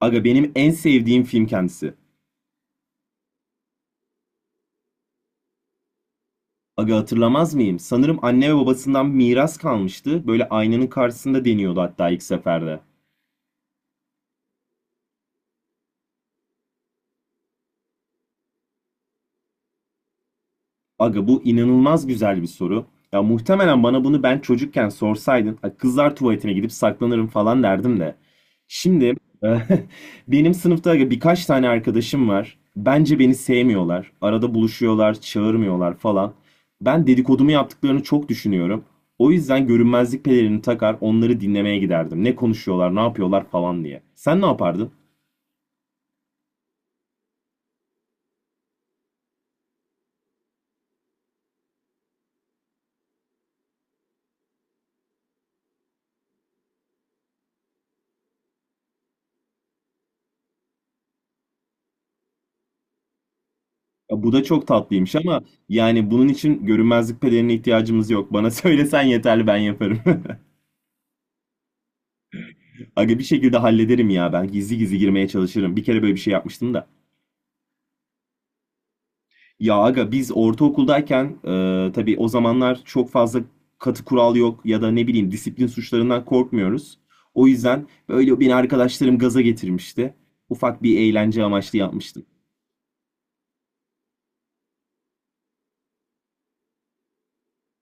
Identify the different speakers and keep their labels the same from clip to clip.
Speaker 1: Aga benim en sevdiğim film kendisi. Aga hatırlamaz mıyım? Sanırım anne ve babasından miras kalmıştı. Böyle aynanın karşısında deniyordu hatta ilk seferde. Aga bu inanılmaz güzel bir soru. Ya muhtemelen bana bunu ben çocukken sorsaydın, "Ha, kızlar tuvaletine gidip saklanırım falan derdim de. Şimdi e, benim sınıfta aga birkaç tane arkadaşım var. Bence beni sevmiyorlar. Arada buluşuyorlar, çağırmıyorlar falan. Ben dedikodumu yaptıklarını çok düşünüyorum. O yüzden görünmezlik pelerini takar, onları dinlemeye giderdim. Ne konuşuyorlar, ne yapıyorlar falan diye. Sen ne yapardın? Ya bu da çok tatlıymış ama yani bunun için görünmezlik pelerini ihtiyacımız yok. Bana söylesen yeterli ben yaparım. Aga bir şekilde hallederim ya ben gizli gizli girmeye çalışırım. Bir kere böyle bir şey yapmıştım da. Ya aga biz ortaokuldayken tabii o zamanlar çok fazla katı kural yok ya da ne bileyim disiplin suçlarından korkmuyoruz. O yüzden böyle beni arkadaşlarım gaza getirmişti. Ufak bir eğlence amaçlı yapmıştım.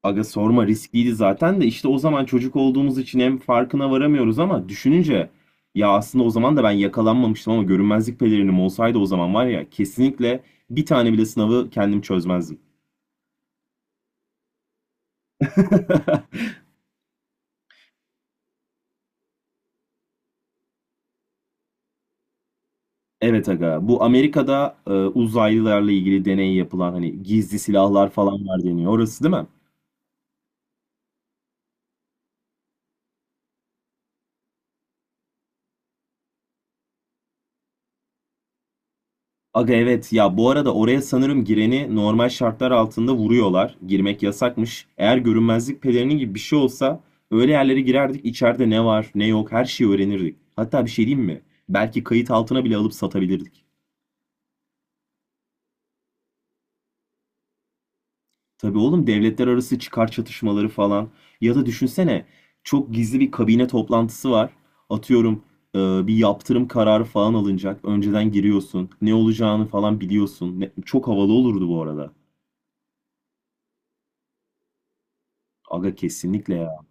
Speaker 1: Aga sorma riskliydi zaten de işte o zaman çocuk olduğumuz için hem farkına varamıyoruz ama düşününce ya aslında o zaman da ben yakalanmamıştım ama görünmezlik pelerinim olsaydı o zaman var ya kesinlikle bir tane bile sınavı kendim çözmezdim. Evet aga bu Amerika'da uzaylılarla ilgili deney yapılan hani gizli silahlar falan var deniyor orası değil mi? Aga evet ya bu arada oraya sanırım gireni normal şartlar altında vuruyorlar. Girmek yasakmış. Eğer görünmezlik pelerini gibi bir şey olsa öyle yerlere girerdik, içeride ne var ne yok her şeyi öğrenirdik. Hatta bir şey diyeyim mi? Belki kayıt altına bile alıp satabilirdik. Tabii oğlum, devletler arası çıkar çatışmaları falan. Ya da düşünsene, çok gizli bir kabine toplantısı var. Atıyorum e, bir yaptırım kararı falan alınacak. Önceden giriyorsun. Ne olacağını falan biliyorsun. Çok havalı olurdu bu arada. Aga kesinlikle ya.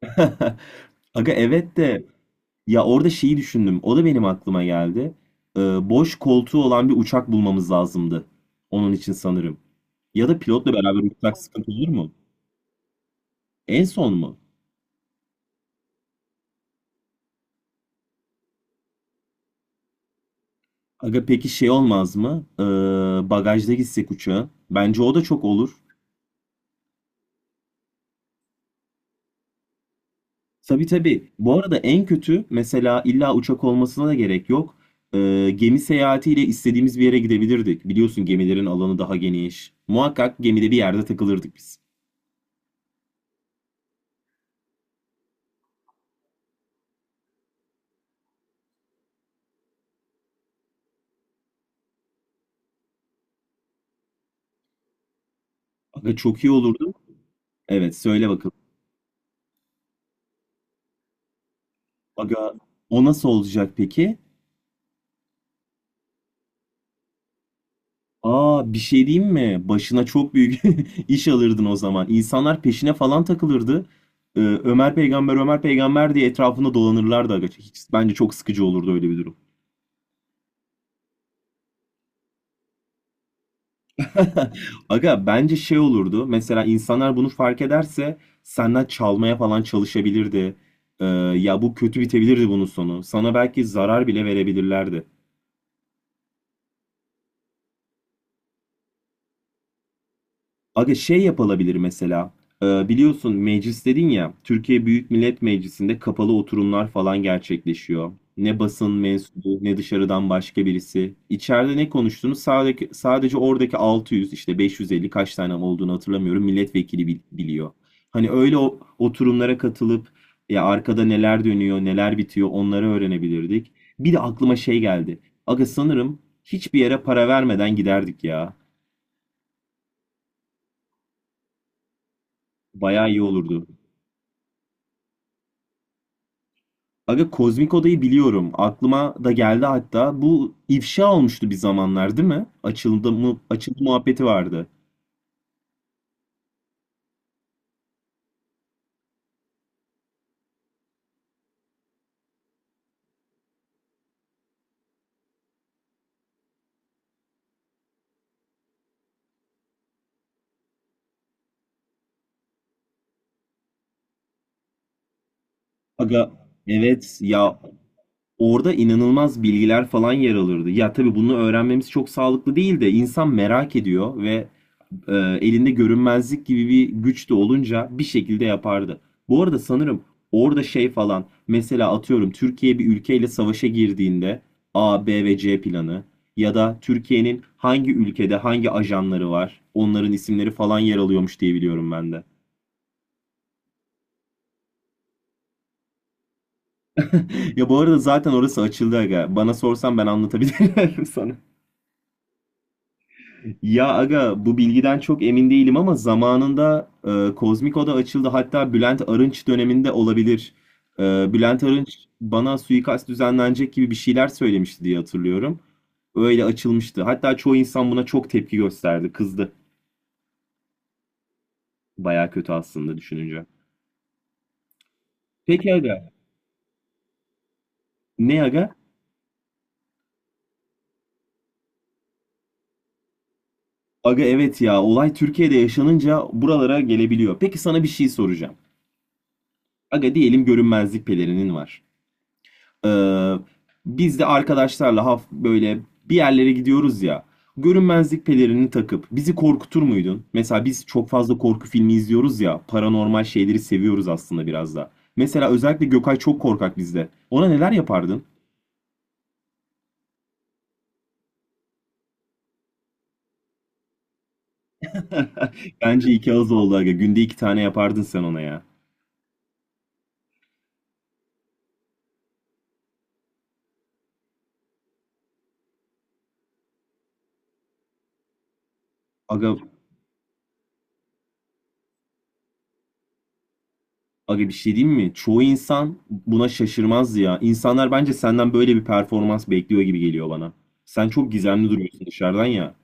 Speaker 1: Aga evet de ya orada şeyi düşündüm. O da benim aklıma geldi. Ee, Boş koltuğu olan bir uçak bulmamız lazımdı. Onun için sanırım. Ya da pilotla beraber uçak sıkıntı olur mu? En son mu? Aga peki şey olmaz mı? Bagajda gitsek uçağa. Bence o da çok olur. Tabii tabii. Bu arada en kötü mesela illa uçak olmasına da gerek yok. Gemi seyahatiyle istediğimiz bir yere gidebilirdik. Biliyorsun gemilerin alanı daha geniş. Muhakkak gemide bir yerde takılırdık biz. Aga çok iyi olurdu. Evet söyle bakalım. Aga o nasıl olacak peki? Aa, bir şey diyeyim mi? Başına çok büyük iş alırdın o zaman. İnsanlar peşine falan takılırdı. Ömer peygamber Ömer peygamber diye etrafında dolanırlardı aga. Hiç, bence çok sıkıcı olurdu öyle bir durum. Aga bence şey olurdu. Mesela insanlar bunu fark ederse senden çalmaya falan çalışabilirdi. Ya bu kötü bitebilirdi bunun sonu. Sana belki zarar bile verebilirlerdi. Aga şey yapılabilir mesela. Biliyorsun meclis dedin ya. Türkiye Büyük Millet Meclisi'nde kapalı oturumlar falan gerçekleşiyor. Ne basın mensubu ne dışarıdan başka birisi. İçeride ne konuştuğunu sadece oradaki 600, işte 550, kaç tane olduğunu hatırlamıyorum, milletvekili biliyor. Hani öyle oturumlara katılıp ya arkada neler dönüyor neler bitiyor onları öğrenebilirdik. Bir de aklıma şey geldi. Aga sanırım hiçbir yere para vermeden giderdik ya. Bayağı iyi olurdu. Aga Kozmik Oda'yı biliyorum. Aklıma da geldi hatta. Bu ifşa olmuştu bir zamanlar değil mi? Açıldı mı, açıldı muhabbeti vardı. Aga evet ya, orada inanılmaz bilgiler falan yer alırdı. Ya tabii bunu öğrenmemiz çok sağlıklı değil de insan merak ediyor ve e, elinde görünmezlik gibi bir güç de olunca bir şekilde yapardı. Bu arada sanırım orada şey falan, mesela atıyorum Türkiye bir ülkeyle savaşa girdiğinde A, B ve C planı ya da Türkiye'nin hangi ülkede hangi ajanları var, onların isimleri falan yer alıyormuş diye biliyorum ben de. Ya bu arada zaten orası açıldı aga. Bana sorsan ben anlatabilirim sana. Ya aga bu bilgiden çok emin değilim ama zamanında Kozmik Oda açıldı. Hatta Bülent Arınç döneminde olabilir. E, Bülent Arınç bana suikast düzenlenecek gibi bir şeyler söylemişti diye hatırlıyorum. Öyle açılmıştı. Hatta çoğu insan buna çok tepki gösterdi. Kızdı. Baya kötü aslında düşününce. Peki aga. Ne aga? Aga evet ya, olay Türkiye'de yaşanınca buralara gelebiliyor. Peki sana bir şey soracağım. Aga diyelim görünmezlik pelerinin var. Ee, Biz de arkadaşlarla böyle bir yerlere gidiyoruz ya. Görünmezlik pelerini takıp bizi korkutur muydun? Mesela biz çok fazla korku filmi izliyoruz ya. Paranormal şeyleri seviyoruz aslında biraz da. Mesela özellikle Gökay çok korkak bizde. Ona neler yapardın? Bence iki ağız oldu aga. Günde iki tane yapardın sen ona ya. Aga, aga, bir şey diyeyim mi? Çoğu insan buna şaşırmaz ya. İnsanlar bence senden böyle bir performans bekliyor gibi geliyor bana. Sen çok gizemli duruyorsun dışarıdan ya.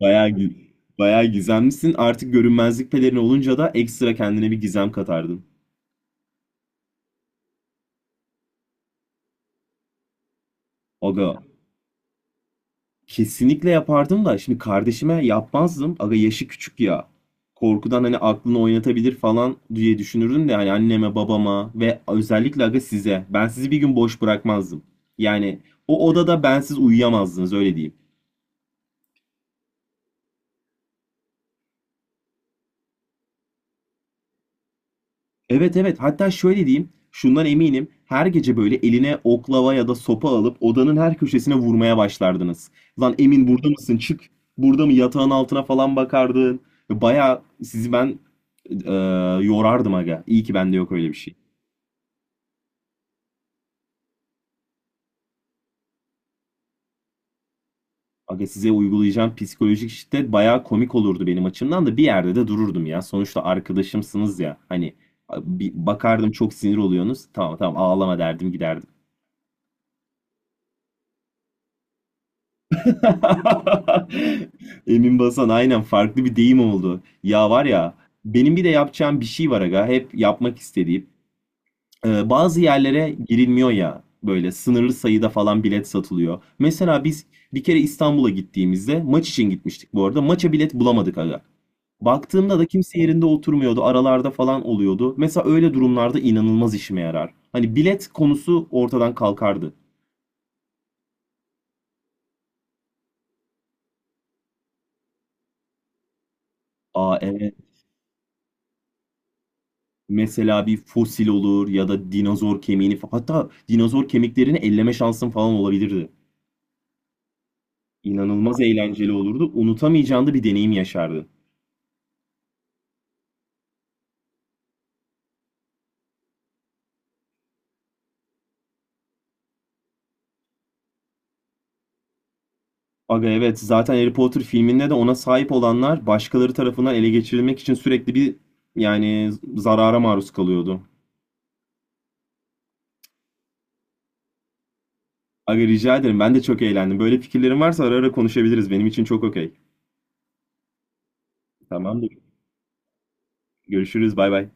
Speaker 1: Bayağı gü- Bayağı gizemlisin. Artık görünmezlik pelerin olunca da ekstra kendine bir gizem katardın. Aga kesinlikle yapardım da şimdi kardeşime yapmazdım. Aga yaşı küçük ya. Korkudan hani aklını oynatabilir falan diye düşünürdüm de hani anneme, babama ve özellikle aga size. Ben sizi bir gün boş bırakmazdım. Yani o odada bensiz uyuyamazdınız, öyle diyeyim. Evet evet, hatta şöyle diyeyim, şundan eminim her gece böyle eline oklava ya da sopa alıp odanın her köşesine vurmaya başlardınız. Lan Emin burada mısın, çık, burada mı, yatağın altına falan bakardın. Baya sizi ben e, yorardım aga, iyi ki bende yok öyle bir şey. Aga size uygulayacağım psikolojik şiddet baya komik olurdu, benim açımdan da bir yerde de dururdum ya. Sonuçta arkadaşımsınız ya, hani bir bakardım çok sinir oluyorsunuz, tamam tamam ağlama derdim giderdim. Emin Basan, aynen farklı bir deyim oldu. Ya var ya, benim bir de yapacağım bir şey var aga, hep yapmak istediğim. Bazı yerlere girilmiyor ya, böyle sınırlı sayıda falan bilet satılıyor. Mesela biz bir kere İstanbul'a gittiğimizde maç için gitmiştik, bu arada maça bilet bulamadık aga. Baktığımda da kimse yerinde oturmuyordu, aralarda falan oluyordu. Mesela öyle durumlarda inanılmaz işime yarar. Hani bilet konusu ortadan kalkardı. Aa evet. Mesela bir fosil olur ya da dinozor hatta dinozor kemiklerini elleme şansın falan olabilirdi. İnanılmaz eğlenceli olurdu. Unutamayacağın da bir deneyim yaşardı. Aga evet, zaten Harry Potter filminde de ona sahip olanlar başkaları tarafından ele geçirilmek için sürekli bir, yani zarara maruz kalıyordu. Aga rica ederim, ben de çok eğlendim. Böyle fikirlerin varsa ara ara konuşabiliriz. Benim için çok okey. Tamamdır. Görüşürüz bay bay.